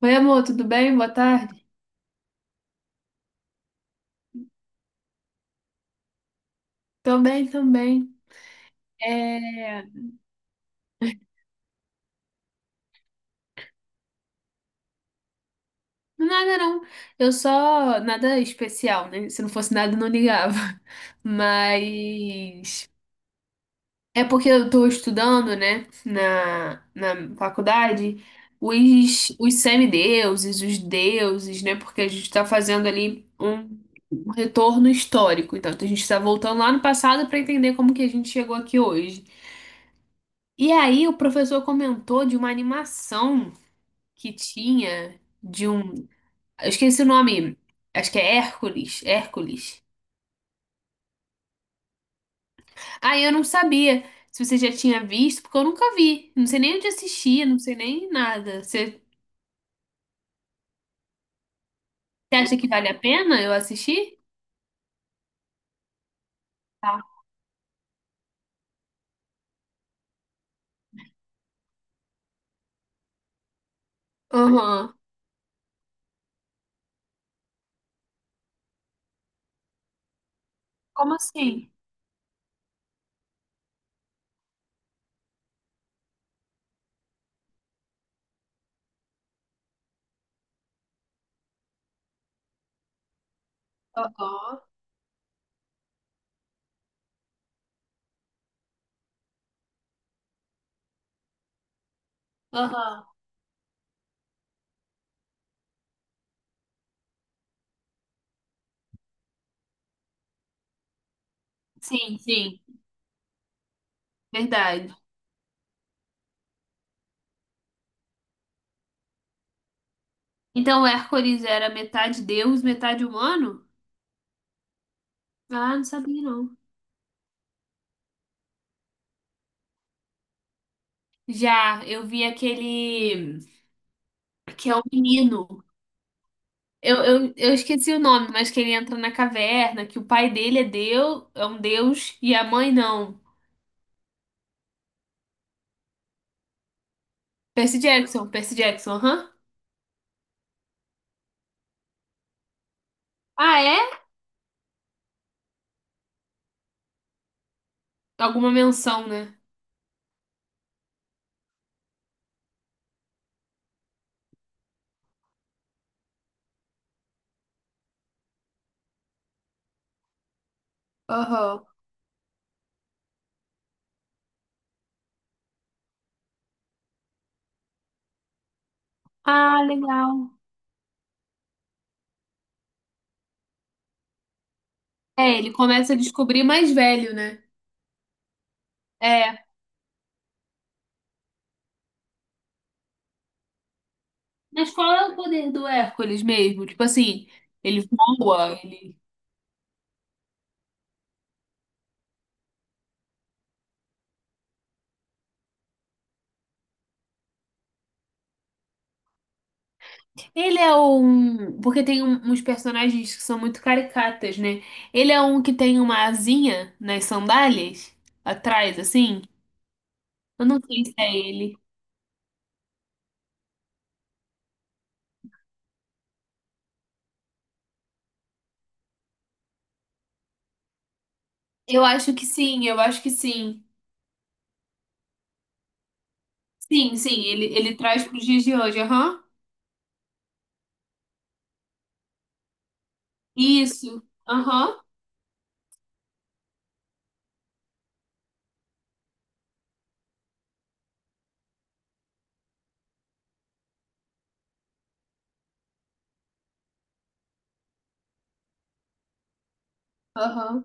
Oi, amor, tudo bem? Boa tarde. Tô bem também. É... Nada não. Eu só. Nada especial, né? Se não fosse nada, eu não ligava. Mas. É porque eu tô estudando, né? Na faculdade, os semideuses, os deuses, né? Porque a gente tá fazendo ali um, um retorno histórico. Então, a gente tá voltando lá no passado pra entender como que a gente chegou aqui hoje. E aí, o professor comentou de uma animação que tinha de um. Eu esqueci o nome. Acho que é Hércules. Hércules. Ah, eu não sabia se você já tinha visto, porque eu nunca vi. Não sei nem onde assistir, não sei nem nada. Você acha que vale a pena eu assistir? Tá. Aham. Como assim? Aham. Aham. Sim, sim. Verdade. Então, o Hércules era metade deus, metade humano? Ah, não sabia não. Já, eu vi aquele que é o menino. Eu esqueci o nome, mas que ele entra na caverna, que o pai dele é Deus, é um deus, e a mãe não. Percy Jackson, Percy Jackson, aham. Ah, é? Alguma menção, né? Aham. Ah, legal. É, ele começa a descobrir mais velho, né? É. Mas qual é o poder do Hércules mesmo? Tipo assim, ele voa, ele. Ele é um. Porque tem uns personagens que são muito caricatas, né? Ele é um que tem uma asinha nas sandálias, atrás, assim. Eu não sei se é ele. Eu acho que sim, eu acho que sim. Sim, sim, ele traz para os dias de hoje, aham. Isso, aham, aham.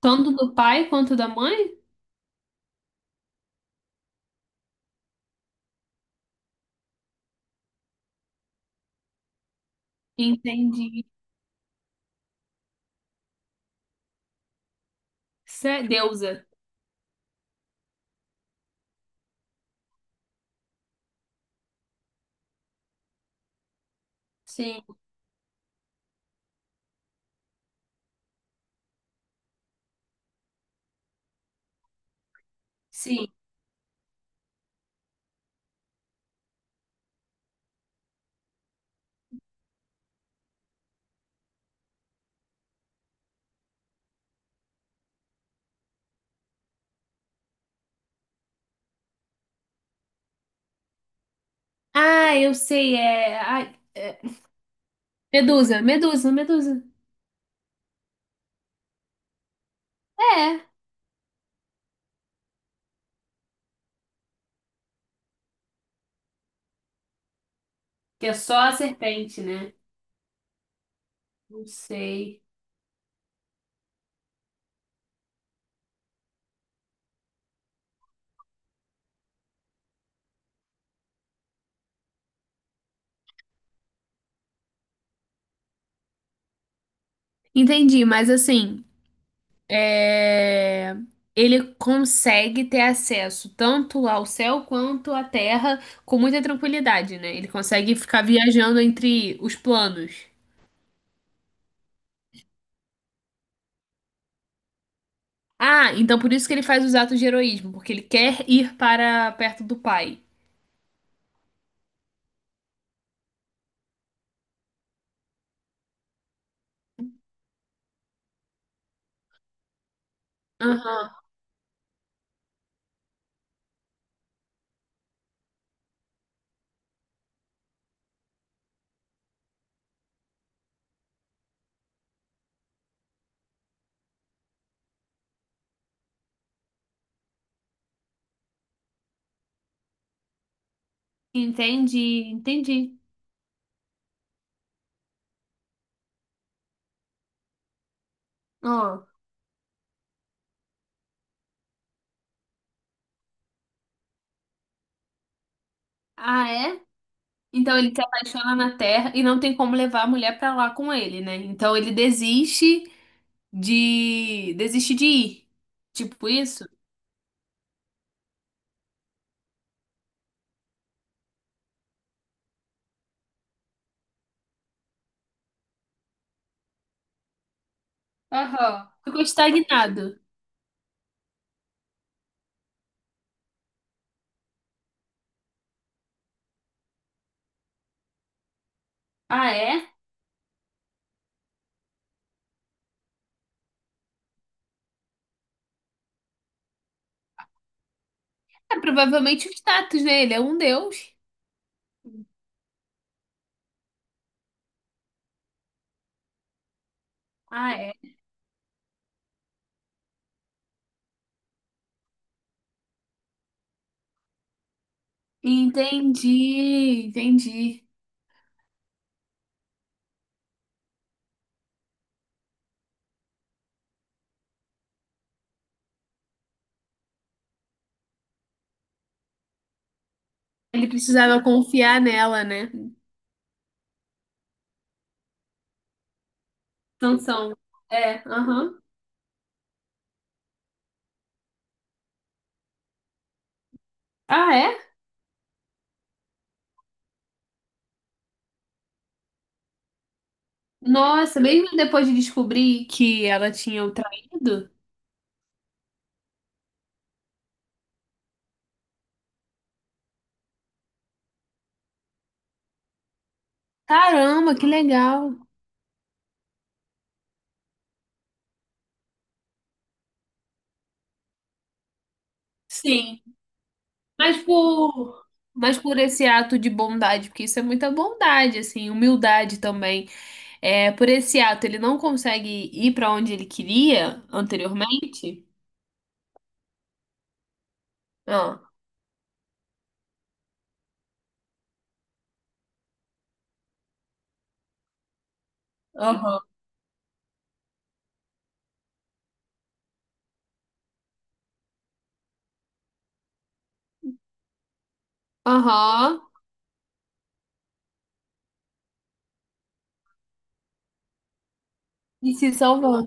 Tanto do pai quanto da mãe? Entendi. Isso é deusa. Sim, sim. Ah, eu sei, Medusa, Medusa, Medusa. É, que é só a serpente, né? Não sei. Entendi, mas assim, é, ele consegue ter acesso tanto ao céu quanto à terra com muita tranquilidade, né? Ele consegue ficar viajando entre os planos. Ah, então por isso que ele faz os atos de heroísmo, porque ele quer ir para perto do pai. Aham. Entendi, entendi. Ó. Ah, é? Então ele se apaixona na terra e não tem como levar a mulher pra lá com ele, né? Então ele desiste de ir. Tipo isso? Aham. Ficou estagnado. Ah, é? É provavelmente o status, né? Ele é um deus. Ah, é. Entendi, entendi. Ele precisava confiar nela, né? Sansão. É, aham. Ah, é? Nossa, mesmo depois de descobrir que ela tinha o traído? Caramba, que legal. Sim, mas por, mas por esse ato de bondade, porque isso é muita bondade, assim, humildade também. É, por esse ato, ele não consegue ir para onde ele queria anteriormente? Ah. Aham. Aham. E se salvou.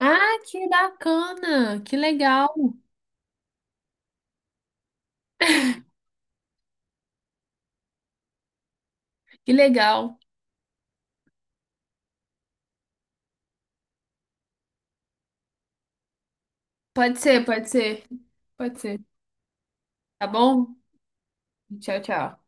Ah, que bacana! Que legal! Que legal! Pode ser, pode ser, pode ser. Tá bom? Tchau, tchau.